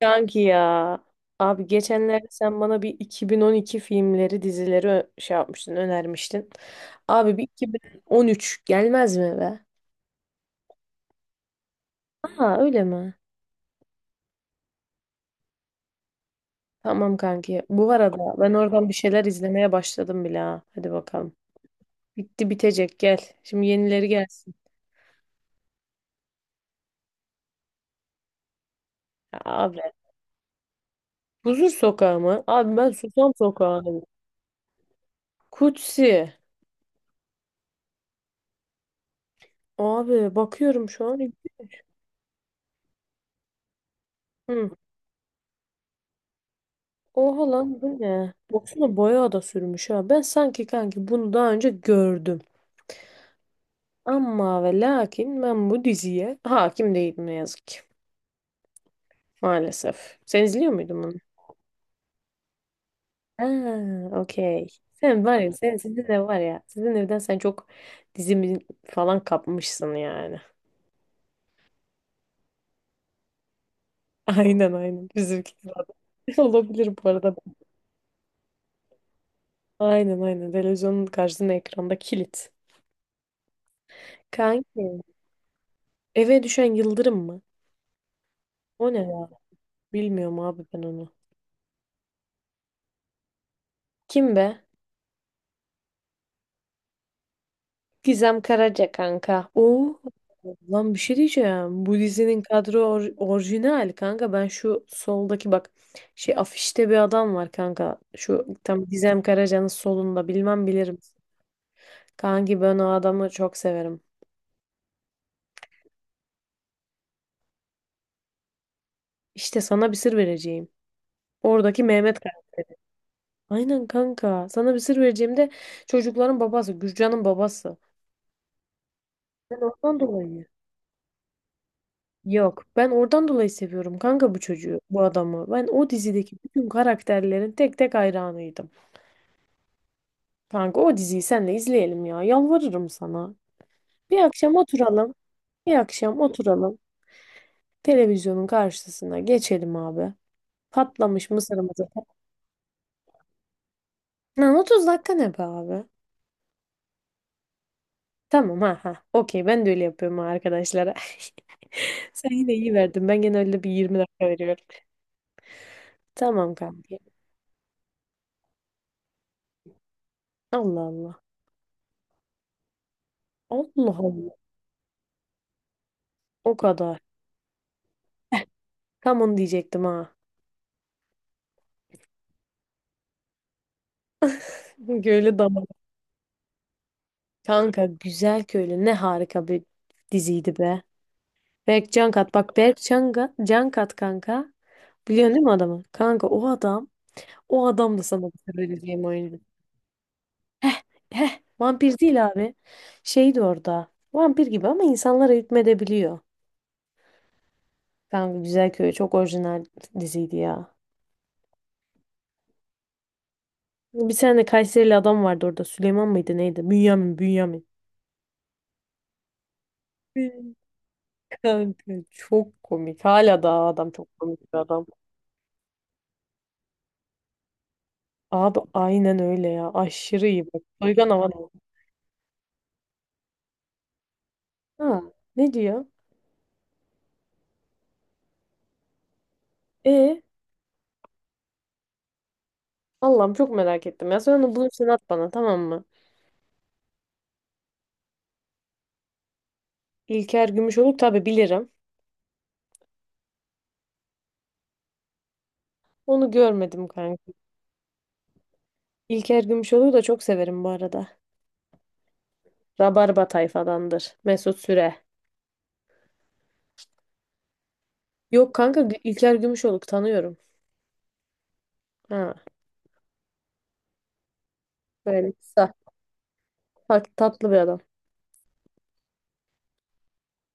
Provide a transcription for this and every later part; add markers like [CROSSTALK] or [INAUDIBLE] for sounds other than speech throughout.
Kanki ya. Abi geçenlerde sen bana bir 2012 filmleri, dizileri şey yapmıştın, önermiştin. Abi bir 2013 gelmez mi be? Aa öyle mi? Tamam kanki. Bu arada ben oradan bir şeyler izlemeye başladım bile ha. Hadi bakalım. Bitti bitecek gel. Şimdi yenileri gelsin. Ya abi, Huzur Sokağı mı? Abi ben Susam Sokağı. Kutsi. Abi bakıyorum şu an. Hı. Oha lan bu ne? Boksuna boya da sürmüş ha. Ben sanki kanki bunu daha önce gördüm. Ama ve lakin ben bu diziye hakim değilim ne yazık ki. Maalesef. Sen izliyor muydun bunu? Ha, okey. Sen var ya, sen sizin ev var ya. Sizin evden sen çok dizimi falan kapmışsın yani. [LAUGHS] Aynen aynen. Bizimki de var. [LAUGHS] Olabilir bu arada. Aynen aynen. Televizyonun karşısında ekranda kilit. Kanki. Eve düşen yıldırım mı? O ne ya? Bilmiyorum abi ben onu. Kim be? Gizem Karaca kanka. Oo. Lan bir şey diyeceğim. Bu dizinin kadro orijinal kanka. Ben şu soldaki bak şey afişte bir adam var kanka. Şu tam Gizem Karaca'nın solunda bilmem bilirim. Kanki ben o adamı çok severim. İşte sana bir sır vereceğim. Oradaki Mehmet kanka. Aynen kanka. Sana bir sır vereceğim de çocukların babası, Gürcan'ın babası. Ben ondan dolayı. Yok. Ben oradan dolayı seviyorum kanka bu çocuğu, bu adamı. Ben o dizideki bütün karakterlerin tek tek hayranıydım. Kanka o diziyi senle izleyelim ya. Yalvarırım sana. Bir akşam oturalım. Bir akşam oturalım. Televizyonun karşısına geçelim abi. Patlamış mısırımızı. Lan 30 dakika ne be abi? Tamam ha ha. Okey ben de öyle yapıyorum ha arkadaşlara. [LAUGHS] Sen yine iyi verdin. Ben genelde bir 20 dakika veriyorum. Tamam kanka. Allah Allah. Allah Allah. O kadar. Tam onu diyecektim ha. Köylü Damalı. Kanka Güzel Köylü ne harika bir diziydi be. Berk Cankat bak, Cankat kanka. Biliyorsun değil mi adamı? Kanka o adam, o adam da sana bir söyleyeceğim oyuncu. Heh, vampir değil abi. Şeydi orada. Vampir gibi ama insanlara hükmedebiliyor. Kanka Güzel Köylü çok orijinal diziydi ya. Bir tane Kayserili adam vardı orada. Süleyman mıydı neydi? Bünyamin, Bünyamin. [LAUGHS] Kanka çok komik. Hala da adam çok komik bir adam. Abi aynen öyle ya. Aşırı iyi bak. Soygan hava. Ha, ne diyor? E Allah'ım çok merak ettim ya. Sonra onu bulursan at bana, tamam mı? İlker Gümüşoluk, tabii bilirim. Onu görmedim kanka. İlker Gümüşoluk'u da çok severim bu arada. Rabarba tayfadandır. Mesut Süre. Yok kanka, İlker Gümüşoluk tanıyorum. Ha, böyle kısa. Tatlı bir adam.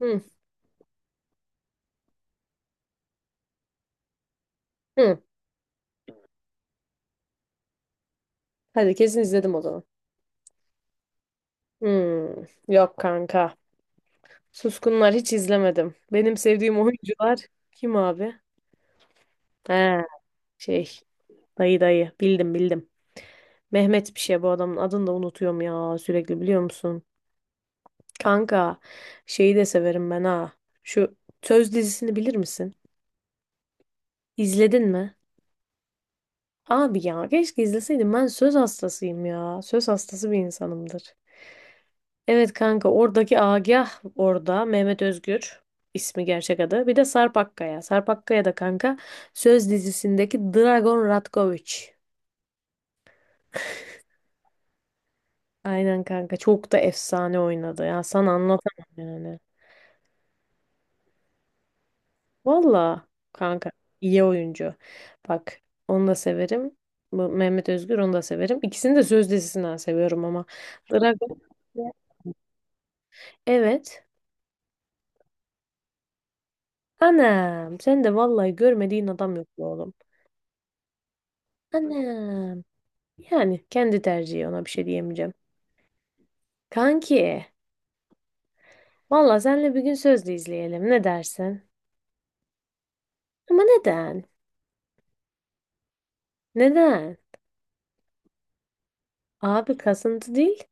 Hı, hı. Hadi kesin izledim o zaman. Hı, yok kanka. Suskunlar hiç izlemedim. Benim sevdiğim oyuncular kim abi? He, şey, dayı dayı bildim bildim. Mehmet bir şey, bu adamın adını da unutuyorum ya sürekli, biliyor musun? Kanka şeyi de severim ben ha. Şu Söz dizisini bilir misin? İzledin mi? Abi ya, keşke izleseydim, ben söz hastasıyım ya. Söz hastası bir insanımdır. Evet kanka, oradaki Agah, orada Mehmet Özgür ismi, gerçek adı. Bir de Sarp Akkaya. Sarp Akkaya da kanka Söz dizisindeki Dragon Ratkoviç. Aynen kanka. Çok da efsane oynadı. Ya sana anlatamam yani. Valla kanka iyi oyuncu. Bak, onu da severim. Bu Mehmet Özgür, onu da severim. İkisini de söz dizisinden seviyorum ama. Dragon. Evet. Anam sen de vallahi, görmediğin adam yok be oğlum. Anam. Yani kendi tercihi, ona bir şey diyemeyeceğim. Kanki. Valla senle bir gün sözlü izleyelim. Ne dersin? Ama neden? Neden? Abi kasıntı değil.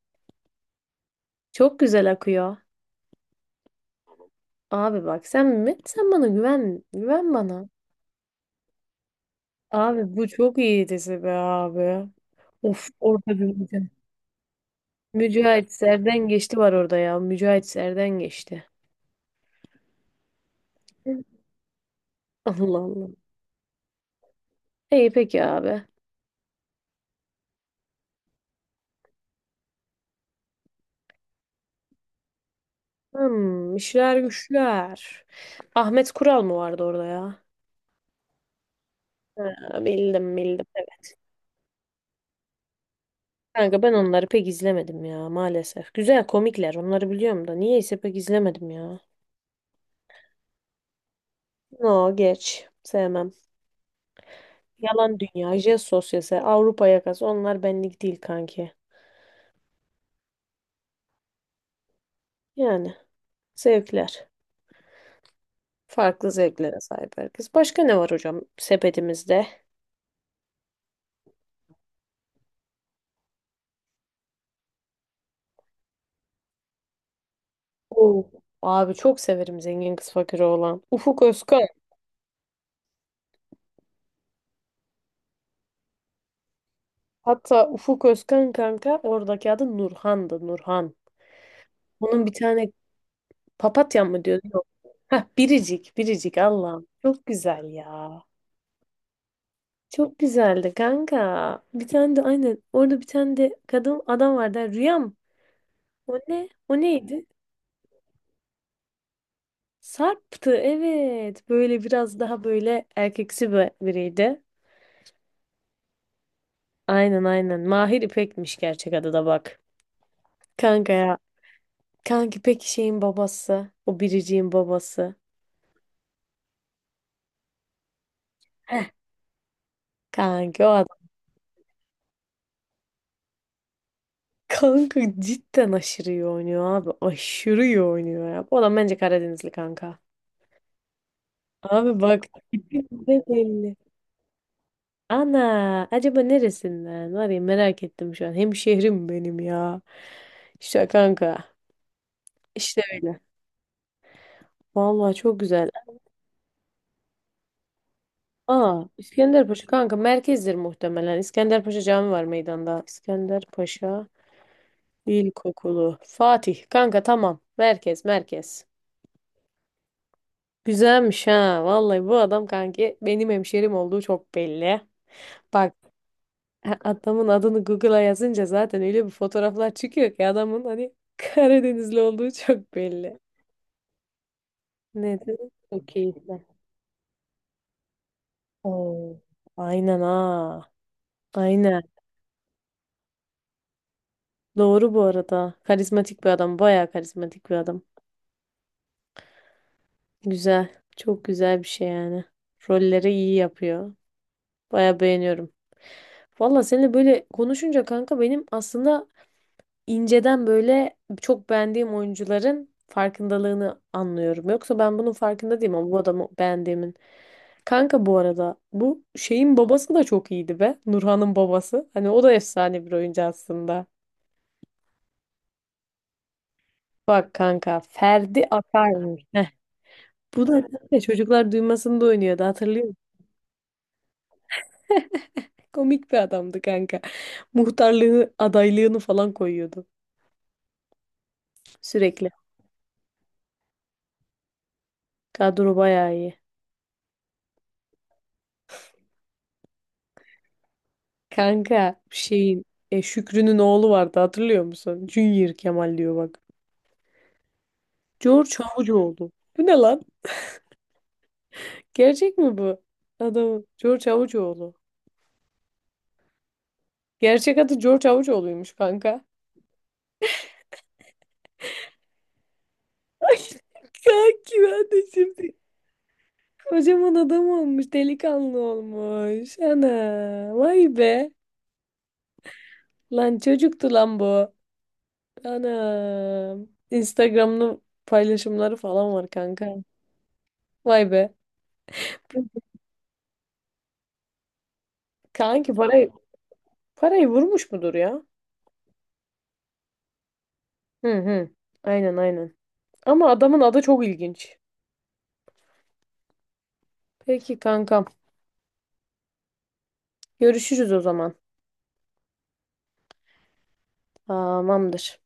Çok güzel akıyor. Abi bak sen mi? Sen bana güven. Güven bana. Abi bu çok iyi dizi be abi. Of, orada bir Mücahit. Mücahit Serden Geçti var orada ya. Mücahit Serden Geçti. [LAUGHS] Allah Allah. İyi peki abi. Hmm, işler güçler. Ahmet Kural mı vardı orada ya? Ha, bildim bildim, evet. Kanka ben onları pek izlemedim ya maalesef. Güzel komikler, onları biliyorum da niyeyse pek izlemedim ya. No geç. Sevmem. Yalan dünya, jest sosyası, Avrupa yakası, onlar benlik değil kanki. Yani zevkler. Farklı zevklere sahip herkes. Başka ne var hocam sepetimizde? Oo. Abi çok severim zengin kız fakiri olan. Ufuk Özkan. Hatta Ufuk Özkan kanka, oradaki adı Nurhan'dı, Nurhan. Bunun bir tane papatya mı diyordu? Yok. Heh, Biricik, Biricik, Allah'ım. Çok güzel ya. Çok güzeldi kanka. Bir tane de aynen, orada bir tane de kadın adam vardı. Rüyam. O ne? O neydi? Sarp'tı, evet. Böyle biraz daha böyle erkeksi bir biriydi. Aynen aynen. Mahir İpek'miş gerçek adı da, bak. Kanka ya. Kanki İpek şeyin babası. O biriciğin babası. Heh. Kanki o adam. Kanka cidden aşırı iyi oynuyor abi. Aşırı iyi oynuyor ya. Bu adam bence Karadenizli kanka. Abi bak, ne belli. Ana acaba neresinden? Var ya, merak ettim şu an. Hemşehrim benim ya. İşte kanka. İşte öyle. Vallahi çok güzel. Aa, İskenderpaşa kanka merkezdir muhtemelen. İskenderpaşa Cami var meydanda. İskenderpaşa İlkokulu. Fatih kanka, tamam. Merkez merkez. Güzelmiş ha. Vallahi bu adam kanki benim hemşerim olduğu çok belli. Bak, adamın adını Google'a yazınca zaten öyle bir fotoğraflar çıkıyor ki adamın hani Karadenizli olduğu çok belli. Nedir? Çok keyifli. Oo, aynen ha. Aynen. Doğru bu arada. Karizmatik bir adam. Bayağı karizmatik bir adam. Güzel. Çok güzel bir şey yani. Rolleri iyi yapıyor. Bayağı beğeniyorum. Valla seninle böyle konuşunca kanka benim aslında inceden böyle çok beğendiğim oyuncuların farkındalığını anlıyorum. Yoksa ben bunun farkında değilim ama bu adamı beğendiğimin. Kanka bu arada bu şeyin babası da çok iyiydi be. Nurhan'ın babası. Hani o da efsane bir oyuncu aslında. Bak kanka, Ferdi Akar'mış. Bu da ne? Çocuklar Duymasın'da oynuyordu, hatırlıyor musun? Komik bir adamdı kanka. Muhtarlığı adaylığını falan koyuyordu sürekli. Kadro bayağı iyi. Kanka şeyin, Şükrü'nün oğlu vardı, hatırlıyor musun? Junior Kemal diyor, bak. George Havucıoğlu. Bu ne lan? Gerçek mi bu? Adamı. George Havucıoğlu. Gerçek adı George Havucıoğlu'ymuş kanka. [LAUGHS] Kanki ben de şimdi. Kocaman adam olmuş, delikanlı olmuş. Ana, vay be. Lan çocuktu lan bu. Anam. Instagram'ın paylaşımları falan var kanka. Vay be. Kanki parayı vurmuş mudur ya? Hı hı. Aynen aynen. Ama adamın adı çok ilginç. Peki kankam. Görüşürüz o zaman. Tamamdır.